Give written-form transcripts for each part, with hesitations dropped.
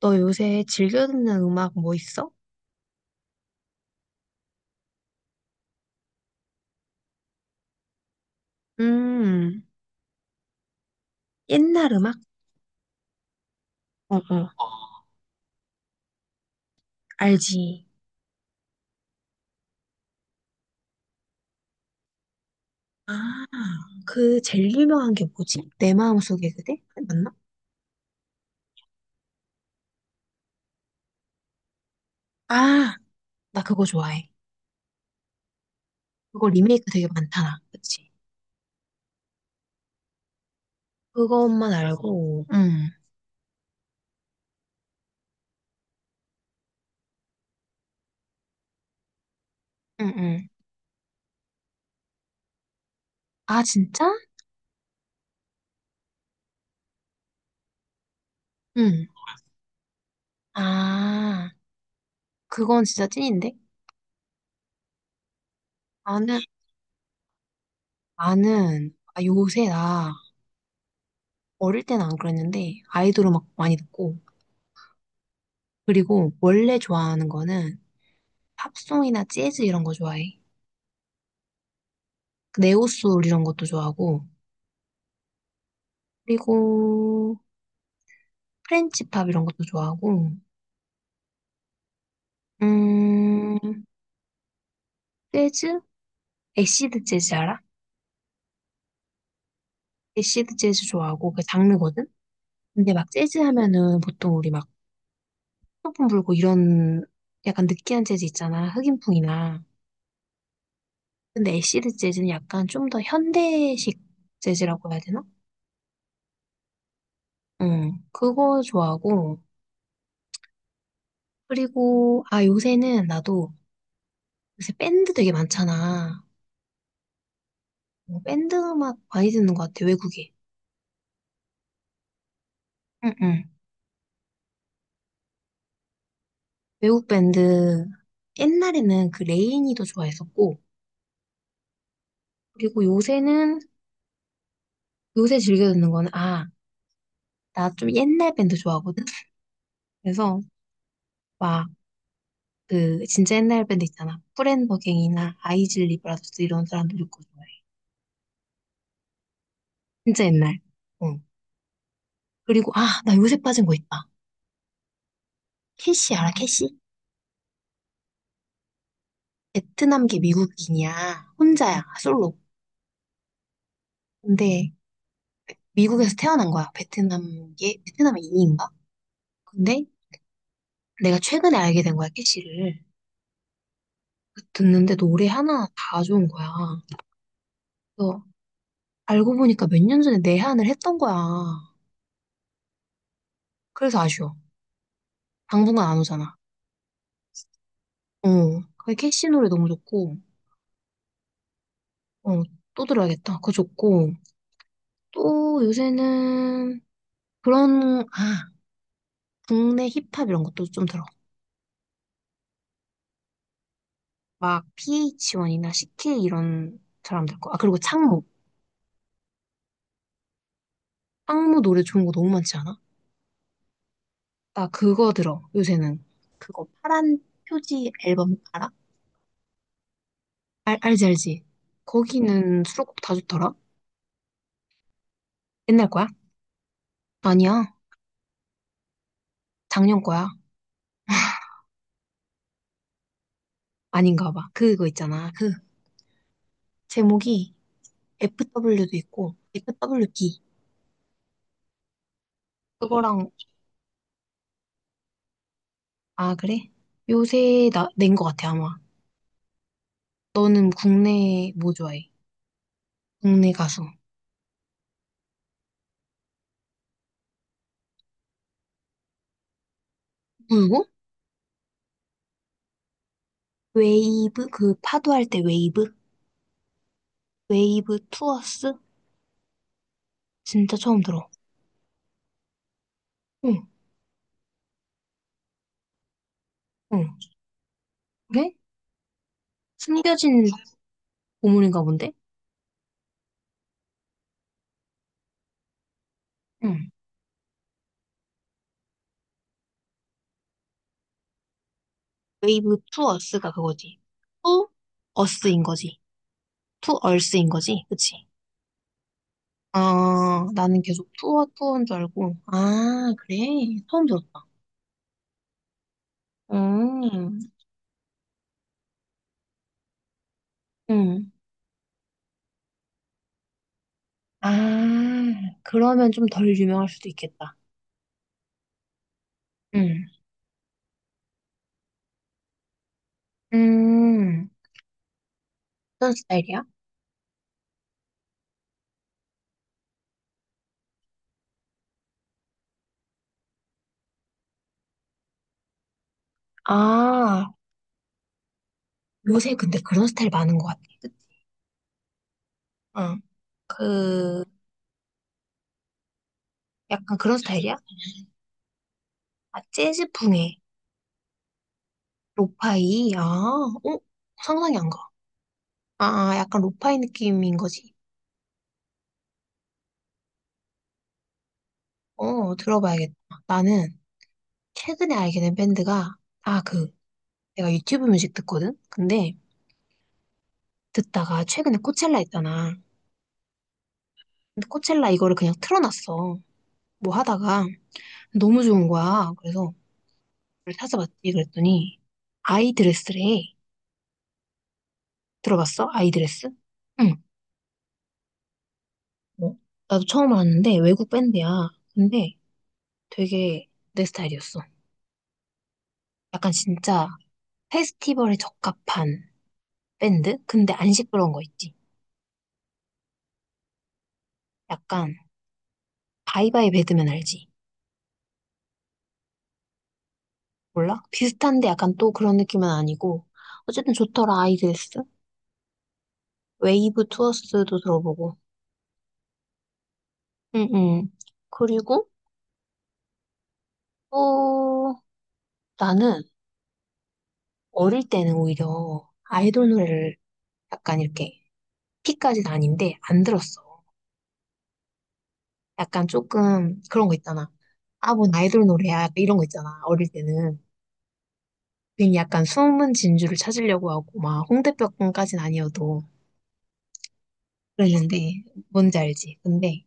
너 요새 즐겨 듣는 음악 뭐 있어? 음, 옛날 음악? 어, 어. 알지. 아, 그 제일 유명한 게 뭐지? 내 마음속에 그대? 맞나? 아, 나 그거 좋아해. 그거 리메이크 되게 많잖아. 그치? 그것만 알고. 응. 응, 응. 아, 진짜? 응. 아, 그건 진짜 찐인데? 나는, 나는, 아, 요새 나 어릴 때는 안 그랬는데 아이돌 음악 많이 듣고 그리고 원래 좋아하는 거는 팝송이나 재즈 이런 거 좋아해. 네오솔 이런 것도 좋아하고, 그리고 프렌치 팝 이런 것도 좋아하고, 음, 재즈? 애시드 재즈 알아? 애시드 재즈 좋아하고, 그 장르거든? 근데 막 재즈 하면은 보통 우리 막 소품 불고 이런 약간 느끼한 재즈 있잖아. 흑인풍이나. 근데 애시드 재즈는 약간 좀 더 현대식 재즈라고 해야 되나? 응, 그거 좋아하고, 그리고, 아, 요새는 나도 요새 밴드 되게 많잖아. 어, 밴드 음악 많이 듣는 것 같아, 외국에. 응, 응. 외국 밴드, 옛날에는 그 레이니도 좋아했었고, 그리고 요새는, 요새 즐겨 듣는 거는, 아, 나 좀 옛날 밴드 좋아하거든? 그래서, 막, 그, 진짜 옛날 밴드 있잖아. 프렌버갱이나 아이즐 리브라더스 이런 사람들 듣고 좋아해. 진짜 옛날. 응. 그리고, 아, 나 요새 빠진 거 있다. 캐시, 알아, 캐시? 베트남계 미국인이야. 혼자야, 솔로. 근데, 미국에서 태어난 거야. 베트남계, 베트남의 이인가? 근데 내가 최근에 알게 된 거야, 캐시를. 듣는데 노래 하나 다 좋은 거야. 그래서 알고 보니까 몇 년 전에 내한을 했던 거야. 그래서 아쉬워. 당분간 안 오잖아. 어, 그 캐시 노래 너무 좋고, 어, 또 들어야겠다. 그거 좋고, 또 요새는 그런, 아, 국내 힙합 이런 것도 좀 들어. 막 PH1이나 CK 이런 사람들 거. 아, 그리고 창모. 창모 노래 좋은 거 너무 많지 않아? 나 그거 들어, 요새는. 그거 파란 표지 앨범 알아? 알지, 알지. 거기는 수록곡 다 좋더라? 옛날 거야? 아니야. 작년 거야. 아닌가 봐. 그거 있잖아. 그 제목이 FW도 있고, f w 기 그거랑, 아, 그래? 요새 나, 낸 거 같아, 아마. 너는 국내 뭐 좋아해? 국내 가수. 누구? 웨이브? 그 파도 할 때 웨이브? 웨이브 투어스? 진짜 처음 들어. 응, 응. 그래? 숨겨진 고문인가 본데? 응. 웨이브 투 어스가 그거지. 투 어스인 거지. 투 얼스인 거지. 그치? 아, 나는 계속 투어 투어인 줄 알고. 아, 그래? 처음 들었다. 음, 음. 아, 그러면 좀 덜 유명할 수도 있겠다. 응. 음, 어떤 스타일이야? 아, 요새 근데 그런 스타일 많은 것 같아. 그치? 응. 그, 약간 그런 스타일이야? 아, 재즈풍의 로파이? 아, 어? 상상이 안 가. 아, 아, 약간 로파이 느낌인 거지. 어, 들어봐야겠다. 나는 최근에 알게 된 밴드가, 아, 그, 내가 유튜브 뮤직 듣거든? 근데 듣다가 최근에 코첼라 있잖아. 근데 코첼라 이거를 그냥 틀어놨어. 뭐 하다가 너무 좋은 거야. 그래서 그걸 찾아봤지. 그랬더니 아이드레스래. 들어봤어? 아이드레스? 응. 뭐? 나도 처음 알았는데 외국 밴드야. 근데 되게 내 스타일이었어. 약간 진짜 페스티벌에 적합한 밴드? 근데 안 시끄러운 거 있지. 약간 바이바이 배드맨 알지? 몰라? 비슷한데 약간 또 그런 느낌은 아니고. 어쨌든 좋더라, 아이들스. 웨이브 투어스도 들어보고. 응응. 그리고 또 나는 어릴 때는 오히려 아이돌 노래를 약간 이렇게 피까지는 아닌데 안 들었어. 약간 조금 그런 거 있잖아. 아, 뭔 아이돌 노래야. 이런 거 있잖아. 어릴 때는. 괜히 약간 숨은 진주를 찾으려고 하고, 막, 홍대병까진 아니어도 그랬는데, 뭔지 알지? 근데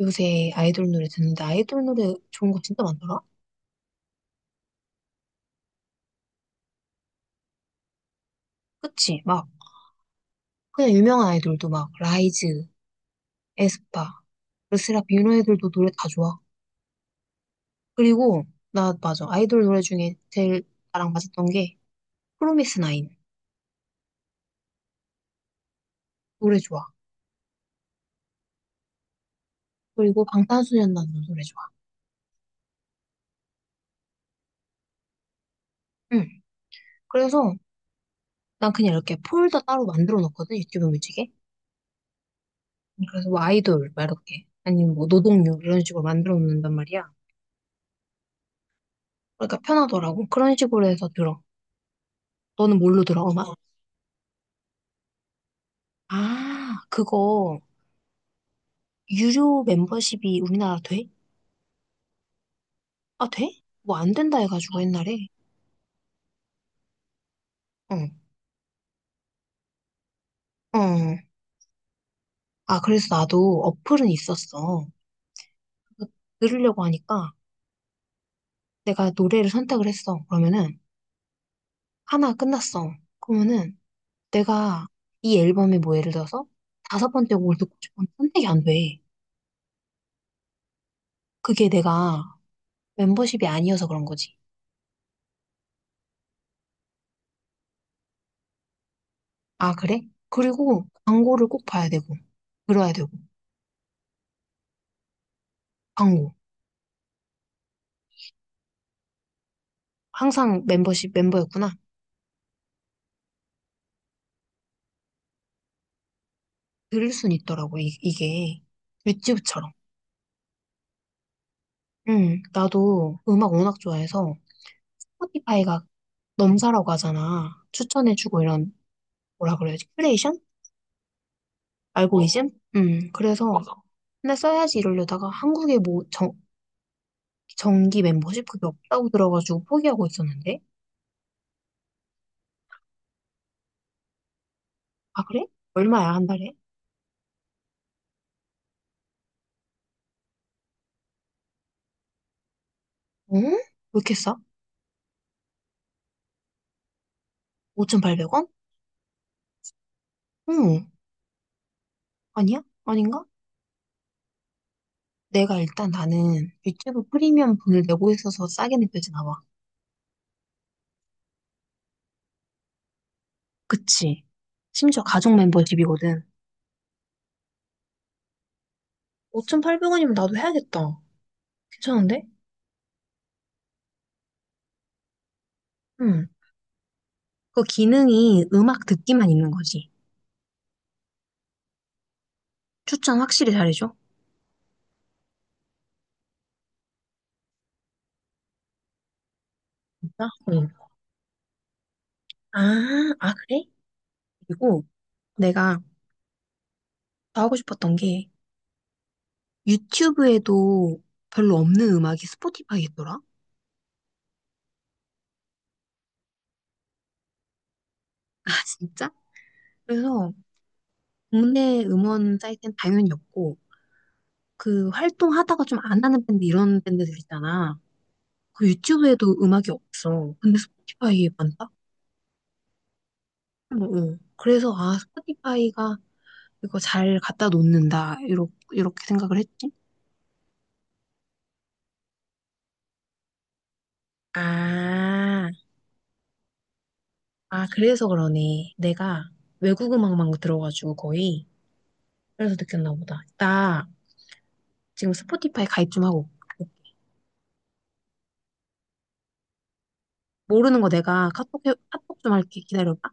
요새 아이돌 노래 듣는데, 아이돌 노래 좋은 거 진짜 많더라? 그치? 막, 그냥 유명한 아이돌도 막, 라이즈, 에스파, 르세라, 이런 애들도 노래 다 좋아. 그리고, 나, 맞아. 아이돌 노래 중에 제일 나랑 맞았던 게, 프로미스 나인. 노래 좋아. 그리고 방탄소년단 노래 좋아. 응. 그래서, 난 그냥 이렇게 폴더 따로 만들어 놓거든, 유튜브 뮤직에. 그래서 뭐 아이돌 막 이렇게 아니면 뭐 노동요 이런 식으로 만들어 놓는단 말이야. 그러니까 편하더라고. 그런 식으로 해서 들어. 너는 뭘로 들어? 음악? 아, 그거 유료 멤버십이 우리나라 돼? 아, 돼? 뭐 안 된다 해가지고 옛날에. 어, 어. 아, 그래서 나도 어플은 있었어. 그거 들으려고 하니까 내가 노래를 선택을 했어. 그러면은 하나 끝났어. 그러면은 내가 이 앨범에 뭐 예를 들어서 다섯 번째 곡을 듣고 싶은 선택이 안 돼. 그게 내가 멤버십이 아니어서 그런 거지. 아, 그래? 그리고 광고를 꼭 봐야 되고, 들어야 되고, 광고. 항상 멤버십 멤버였구나. 들을 순 있더라고, 이게. 튜브처럼 응, 나도 음악 워낙 좋아해서 스포티파이가 넘사라고 하잖아. 추천해주고 이런, 뭐라 그래야지, 큐레이션? 어, 알고리즘? 응, 그래서 맞아. 맨날 써야지 이러려다가 한국에 뭐 정기 멤버십 그게 없다고 들어가지고 포기하고 있었는데? 아, 그래? 얼마야, 한 달에? 응? 왜 이렇게 싸? 5,800원? 응. 아니야? 아닌가? 내가 일단 나는 유튜브 프리미엄 분을 내고 있어서 싸게 느껴지나 봐. 그치? 심지어 가족 멤버십이거든. 5,800원이면 나도 해야겠다. 괜찮은데? 응. 그 기능이 음악 듣기만 있는 거지. 추천 확실히 잘해줘. 진짜? 응. 아, 아, 그래? 그리고 내가 더 하고 싶었던 게 유튜브에도 별로 없는 음악이 스포티파이 있더라? 아, 진짜? 그래서 국내 음원 사이트는 당연히 없고 그 활동하다가 좀 안 하는 밴드 이런 밴드들 있잖아. 그 유튜브에도 음악이 없어. 근데 스포티파이에 많다? 어, 어. 그래서 아 스포티파이가 이거 잘 갖다 놓는다 이렇게 이렇게 생각을 했지. 아, 아 그래서 그러네. 내가 외국 음악만 들어가지고 거의 그래서 느꼈나 보다. 나 지금 스포티파이 가입 좀 하고 올게. 모르는 거 내가 카톡 좀 할게 기다려봐.